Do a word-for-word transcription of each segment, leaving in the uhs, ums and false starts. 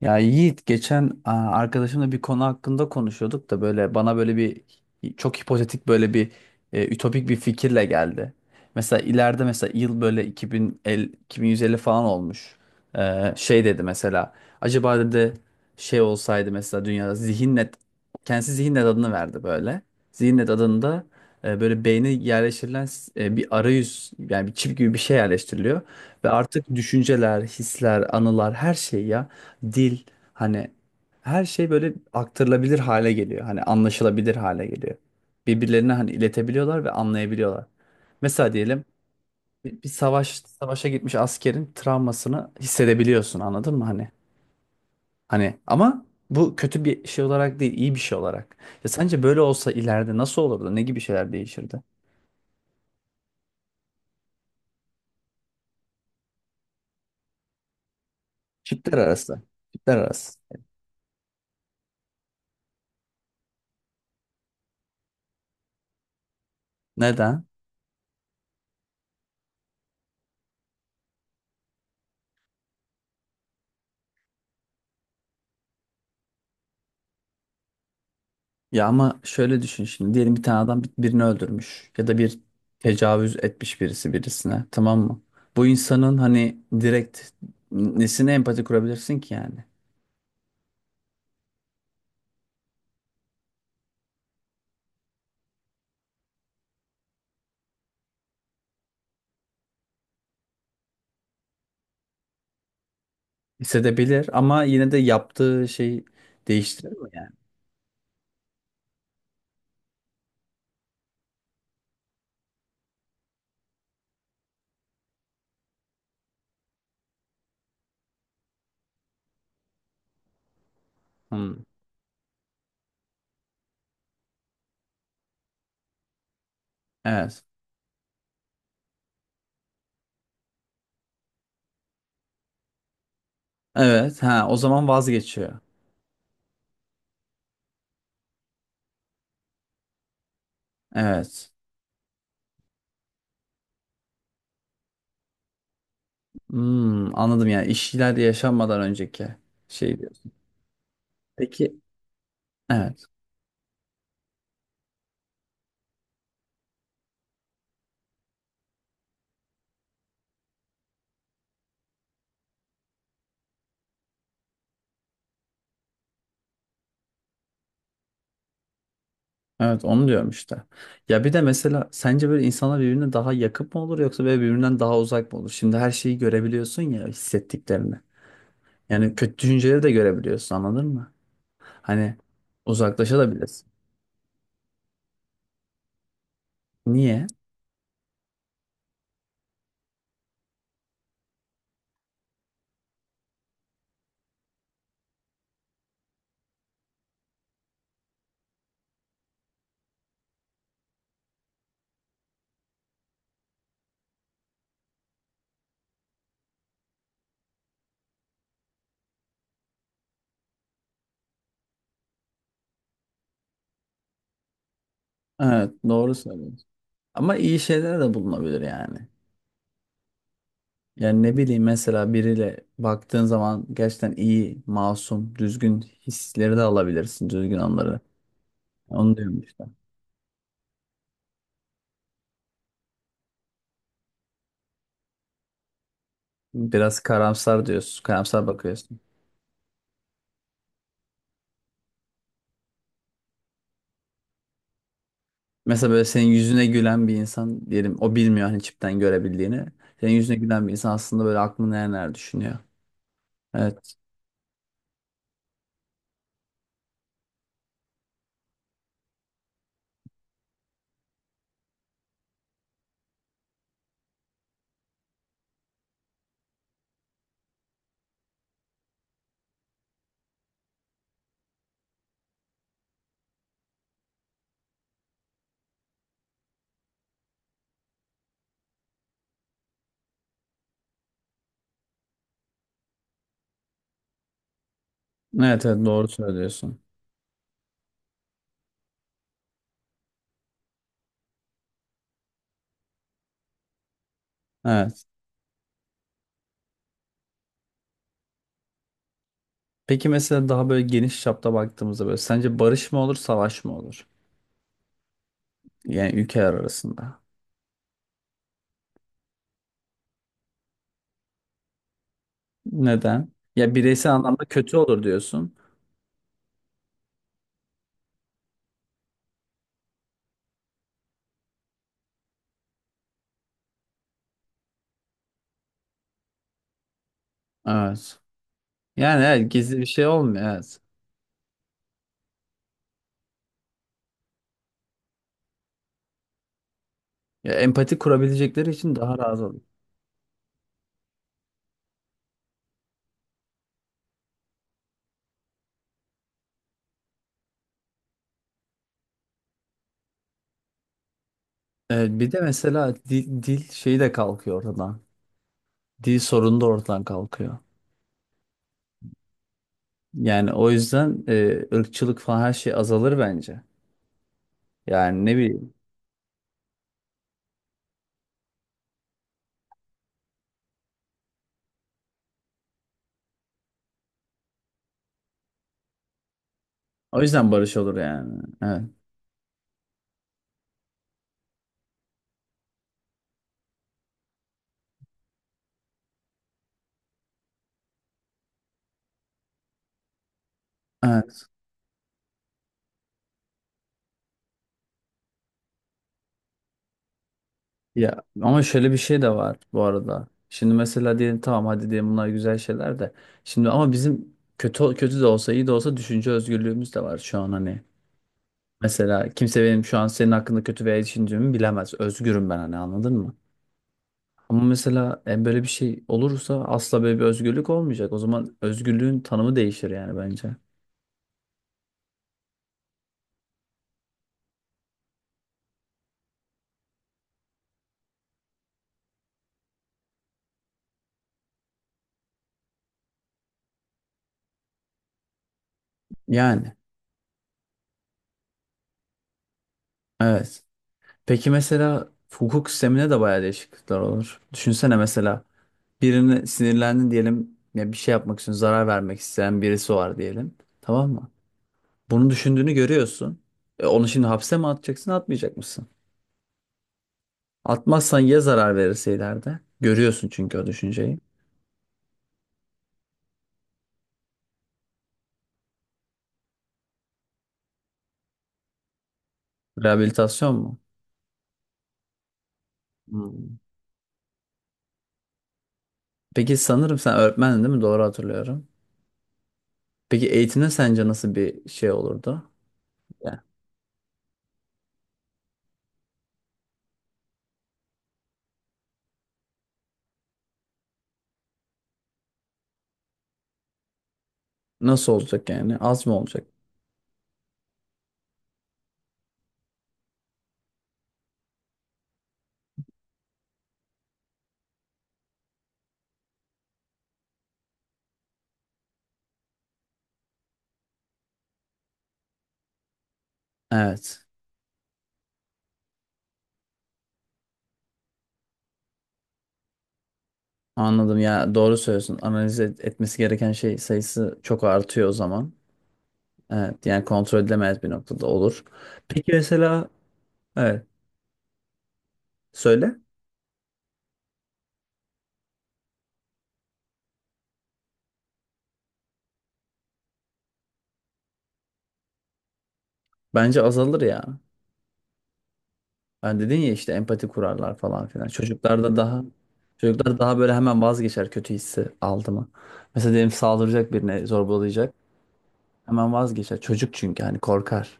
Ya Yiğit geçen aa, arkadaşımla bir konu hakkında konuşuyorduk da böyle bana böyle bir çok hipotetik böyle bir e, ütopik bir fikirle geldi. Mesela ileride mesela yıl böyle iki bin elli, iki bin yüz elli falan olmuş. Ee, şey dedi mesela, acaba dedi şey olsaydı mesela dünyada zihinnet, kendisi zihinnet adını verdi böyle. Zihinnet adında e, böyle beyne yerleştirilen e, bir arayüz, yani bir çip gibi bir şey yerleştiriliyor. Ve artık düşünceler, hisler, anılar, her şey ya, dil, hani, her şey böyle aktarılabilir hale geliyor. Hani anlaşılabilir hale geliyor. Birbirlerine hani iletebiliyorlar ve anlayabiliyorlar. Mesela diyelim bir, bir savaş savaşa gitmiş askerin travmasını hissedebiliyorsun, anladın mı hani? Hani ama bu kötü bir şey olarak değil, iyi bir şey olarak. Ya sence böyle olsa ileride nasıl olurdu? Ne gibi şeyler değişirdi? Çiftler arası. Çiftler arası. Neden? Ya ama şöyle düşün şimdi, diyelim bir tane adam bir- birini öldürmüş ya da bir tecavüz etmiş birisi birisine, tamam mı? Bu insanın hani direkt nesine empati kurabilirsin ki yani? Hissedebilir ama yine de yaptığı şey değiştirir mi yani? Hmm. Evet. Evet, ha o zaman vazgeçiyor. Evet. Hmm, anladım, yani işler yaşanmadan önceki şey diyorsun. Peki, evet. Evet, onu diyorum işte. Ya bir de mesela sence böyle insanlar birbirine daha yakın mı olur yoksa böyle birbirinden daha uzak mı olur? Şimdi her şeyi görebiliyorsun ya, hissettiklerini. Yani kötü düşünceleri de görebiliyorsun, anladın mı? Hani uzaklaşabilirsin. Niye? Evet, doğru söylüyorsun. Ama iyi şeyler de bulunabilir yani. Yani ne bileyim, mesela biriyle baktığın zaman gerçekten iyi, masum, düzgün hisleri de alabilirsin, düzgün anları. Onu diyorum işte. Biraz karamsar diyorsun, karamsar bakıyorsun. Mesela böyle senin yüzüne gülen bir insan diyelim, o bilmiyor hani çipten görebildiğini. Senin yüzüne gülen bir insan aslında böyle aklını neler neler düşünüyor. Evet. Evet, evet, doğru söylüyorsun. Evet. Peki mesela daha böyle geniş çapta baktığımızda böyle sence barış mı olur savaş mı olur? Yani ülkeler arasında. Neden? Ya bireysel anlamda kötü olur diyorsun. Evet. Yani evet, gizli bir şey olmuyor, evet. Ya empati kurabilecekleri için daha rahat olur. Evet, bir de mesela dil, dil şeyi de kalkıyor ortadan. Dil sorunu da ortadan kalkıyor. Yani o yüzden e, ırkçılık falan her şey azalır bence. Yani ne bileyim. O yüzden barış olur yani. Evet. Evet. Ya ama şöyle bir şey de var bu arada. Şimdi mesela diyelim, tamam hadi diyelim bunlar güzel şeyler de. Şimdi ama bizim kötü kötü de olsa iyi de olsa düşünce özgürlüğümüz de var şu an hani. Mesela kimse benim şu an senin hakkında kötü veya iyi düşündüğümü bilemez. Özgürüm ben hani, anladın mı? Ama mesela e, böyle bir şey olursa asla böyle bir özgürlük olmayacak. O zaman özgürlüğün tanımı değişir yani bence. Yani. Evet. Peki mesela hukuk sistemine de bayağı değişiklikler olur. Düşünsene mesela birine sinirlendin diyelim ya, bir şey yapmak için zarar vermek isteyen birisi var diyelim. Tamam mı? Bunu düşündüğünü görüyorsun. E, onu şimdi hapse mi atacaksın, atmayacak mısın? Atmazsan ya zarar verirse ileride? Görüyorsun çünkü o düşünceyi. Rehabilitasyon mu? Hmm. Peki sanırım sen öğretmendin, değil mi? Doğru hatırlıyorum. Peki eğitimde sence nasıl bir şey olurdu? Yani nasıl olacak yani? Az mı olacak? Evet. Anladım, ya doğru söylüyorsun. Analiz et- etmesi gereken şey sayısı çok artıyor o zaman. Evet yani kontrol edilemez bir noktada olur. Peki mesela, evet söyle. Bence azalır ya. Ben dedin ya işte empati kurarlar falan filan. Çocuklarda daha, çocuklar daha böyle hemen vazgeçer kötü hissi aldı mı? Mesela diyelim saldıracak birine, zorbalayacak. Hemen vazgeçer. Çocuk çünkü hani korkar.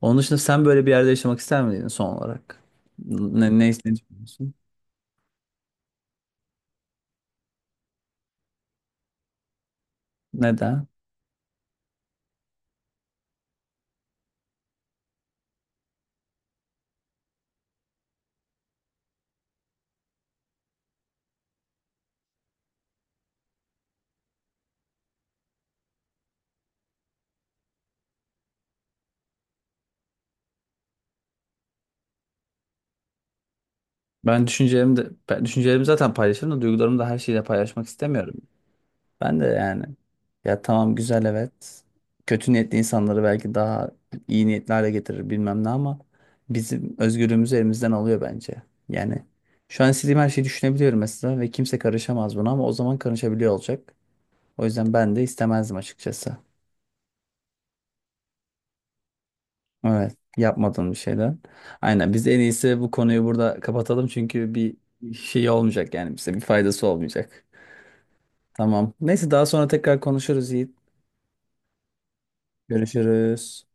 Onun dışında sen böyle bir yerde yaşamak ister miydin son olarak? Ne, ne, ne düşünüyorsun? Neden? Ben düşüncelerimi de ben düşüncelerimi zaten paylaşırım da duygularımı da her şeyle paylaşmak istemiyorum. Ben de yani, ya tamam güzel, evet. Kötü niyetli insanları belki daha iyi niyetli hale getirir bilmem ne ama bizim özgürlüğümüzü elimizden alıyor bence. Yani şu an istediğim her şeyi düşünebiliyorum mesela ve kimse karışamaz buna, ama o zaman karışabiliyor olacak. O yüzden ben de istemezdim açıkçası. Evet, yapmadığım bir şeyden. Aynen, biz en iyisi bu konuyu burada kapatalım çünkü bir şey olmayacak yani, bize bir faydası olmayacak. Tamam. Neyse, daha sonra tekrar konuşuruz Yiğit. Görüşürüz.